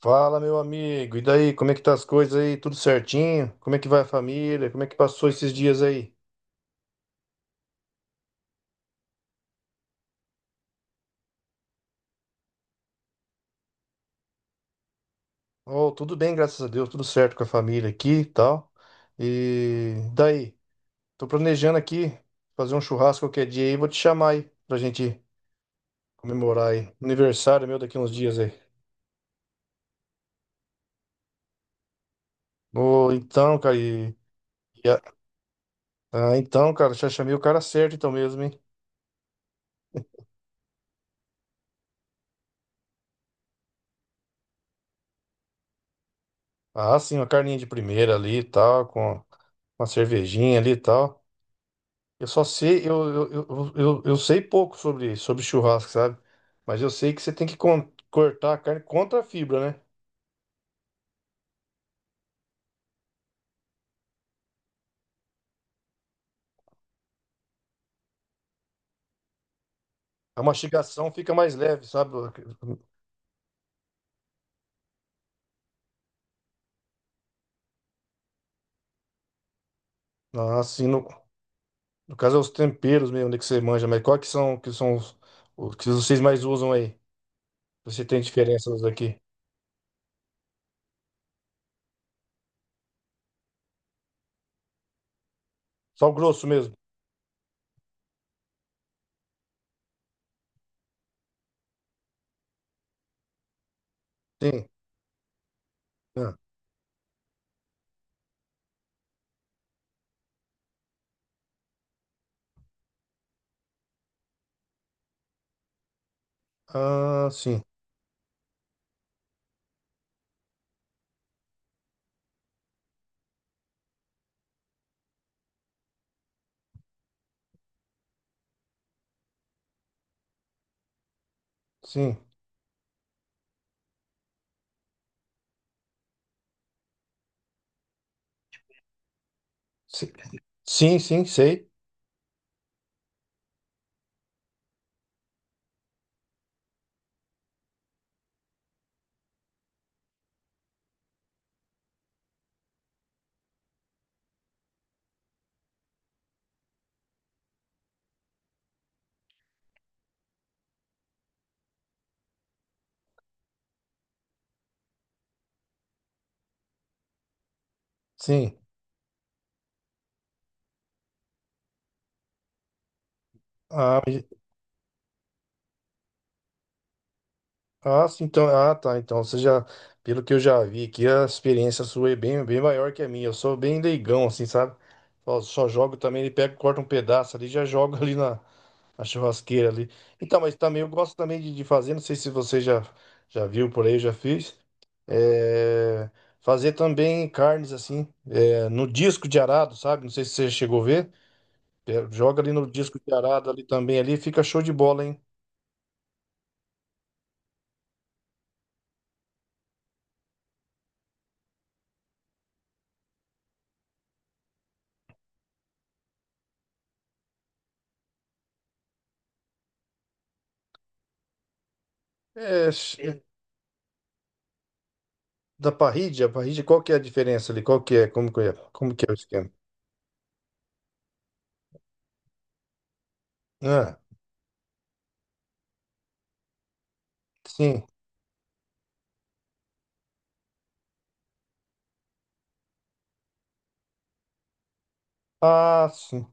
Fala, meu amigo. E daí, como é que tá as coisas aí? Tudo certinho? Como é que vai a família? Como é que passou esses dias aí? Oh, tudo bem, graças a Deus, tudo certo com a família aqui e tal. E daí, tô planejando aqui fazer um churrasco qualquer dia aí, vou te chamar aí pra gente comemorar aí. Aniversário meu daqui uns dias aí. Oh, então, cara, e a- Ah, então, cara, já chamei o cara certo então mesmo, hein? Ah, sim, uma carninha de primeira ali e tal, com uma cervejinha ali e tal. Eu só sei, eu sei pouco sobre churrasco, sabe? Mas eu sei que você tem que cortar a carne contra a fibra, né? A mastigação fica mais leve, sabe? Assim, no, no caso é os temperos mesmo, né, que você manja, mas qual que são, os que vocês mais usam aí? Você tem diferença dos daqui? Só o grosso mesmo? Sim. Ah, ah, sim. Sim. Sim, sim, sim, sei. Sim. Ah, ah, sim, então, ah, tá. Então, você já, pelo que eu já vi aqui, a experiência sua é bem, bem maior que a minha. Eu sou bem leigão, assim, sabe? Só jogo também, ele pega, corta um pedaço ali, já joga ali na, na churrasqueira ali. Então, mas também eu gosto também de fazer, não sei se você já, já viu por aí, eu já fiz. é, Fazer também carnes assim, no disco de arado, sabe? Não sei se você chegou a ver. É, joga ali no disco de arado ali também ali, fica show de bola, hein? É, da parrídia, a parrídia, qual que é a diferença ali? Qual que é? Como que é? Como que é o esquema? Ah, sim. Ah, sim.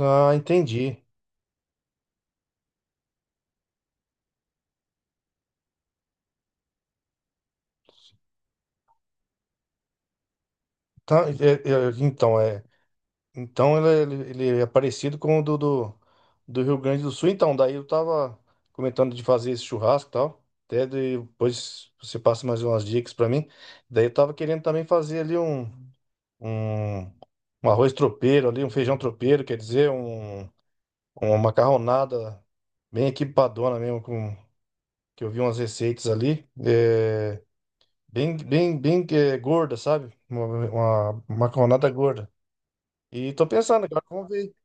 Ah, entendi. Tá, é- então, é. Ele é parecido com o do Rio Grande do Sul. Então, daí eu tava comentando de fazer esse churrasco e tal. Até depois você passa mais umas dicas pra mim. Daí eu tava querendo também fazer ali um, um arroz tropeiro ali, um feijão tropeiro, quer dizer, um... Uma macarronada bem equipadona mesmo, com, que eu vi umas receitas ali. É, bem gorda, sabe? Uma macarronada gorda. E tô pensando agora, vamos ver.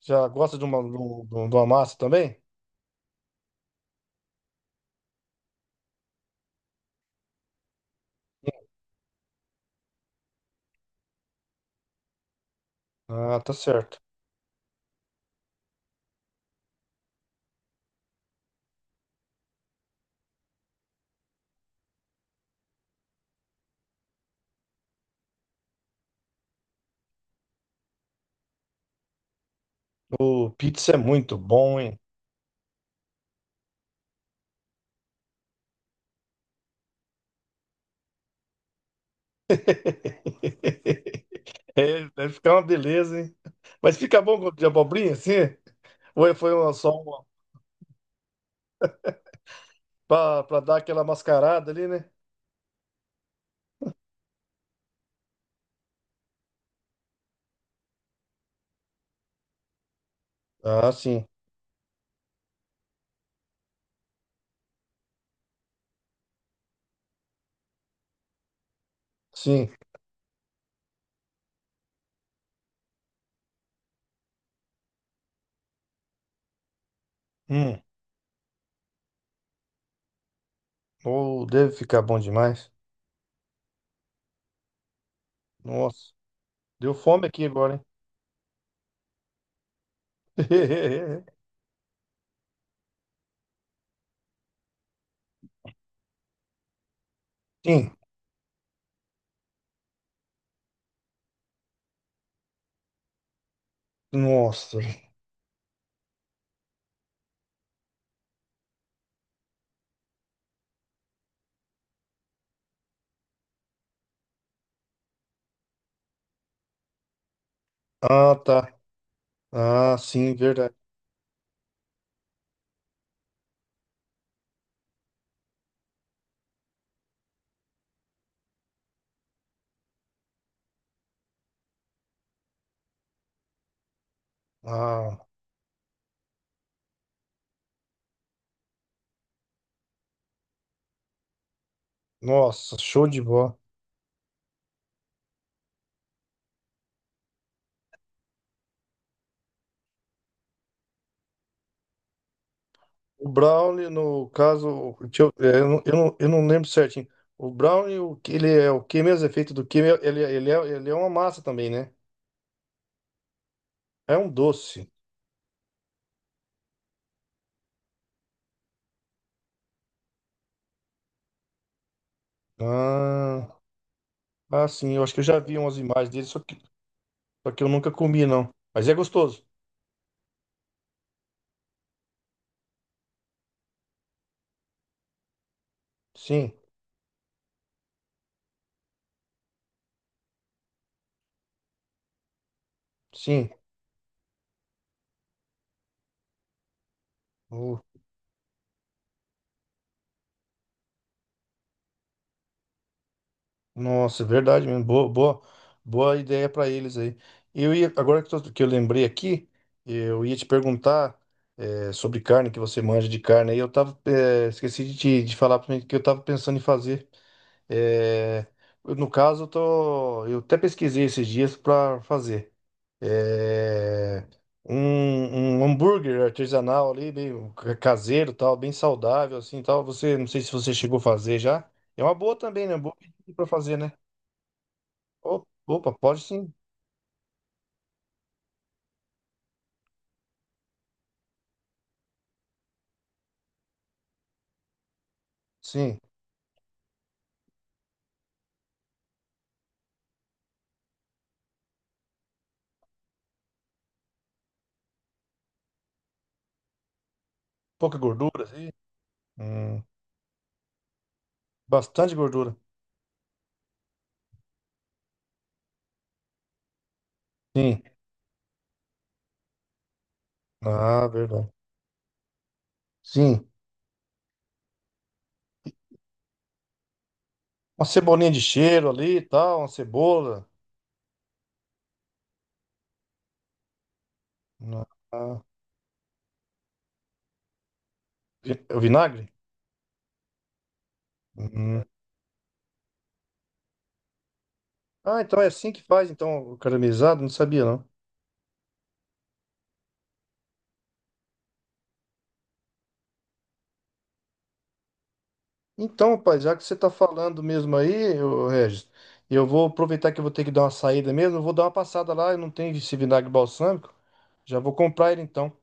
Já gosta de uma, de uma massa também? Ah, tá certo. O pizza é muito bom, hein? É, deve ficar uma beleza, hein? Mas fica bom com de abobrinha, assim? Ou foi uma, só uma, pra, pra dar aquela mascarada ali, né? Ah, sim, sim. Hum. Ou deve ficar bom demais. Nossa, deu fome aqui agora, hein? Sim, nossa. Ah, tá. Ah, sim, verdade. Ah, nossa, show de bola. O brownie, no caso, deixa eu, é, eu, não, eu não lembro certinho. O brownie, o que ele é o que mesmo é feito do que ele, é, ele, é, ele é uma massa também, né? É um doce. Ah, ah, sim, eu acho que eu já vi umas imagens dele, só que eu nunca comi, não. Mas é gostoso. Sim, sim. Nossa, é verdade mesmo. Boa, boa, boa ideia para eles aí. Eu ia, agora que, que eu lembrei aqui, eu ia te perguntar sobre carne, que você manja de carne. Aí eu tava, esqueci de, te, de falar para mim que eu tava pensando em fazer. eh, eu, no caso, eu tô, eu até pesquisei esses dias para fazer eh, um, um hambúrguer artesanal ali, meio caseiro, tal, bem saudável assim, tal. Você, não sei se você chegou a fazer já. É uma boa também, né? Boa para fazer, né? O- opa, pode sim. Sim. Pouca gordura, sim. Hum, bastante gordura. Sim. Ah, verdade. Sim. Uma cebolinha de cheiro ali e tal, uma cebola. Ah, é o vinagre? Uhum. Ah, então é assim que faz, então, o caramelizado? Não sabia, não. Então, rapaz, já que você tá falando mesmo aí, ô, Regis, eu vou aproveitar que eu vou ter que dar uma saída mesmo, eu vou dar uma passada lá, eu não tenho esse vinagre balsâmico, já vou comprar ele então.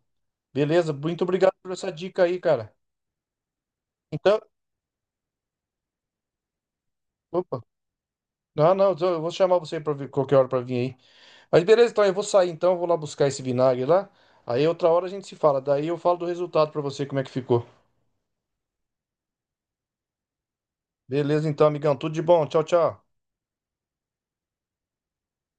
Beleza, muito obrigado por essa dica aí, cara. Então, opa. Não, não, eu vou chamar você qualquer hora pra vir aí. Mas beleza, então eu vou sair então, vou lá buscar esse vinagre lá. Aí outra hora a gente se fala. Daí eu falo do resultado pra você, como é que ficou. Beleza, então, amigão, tudo de bom. Tchau, tchau.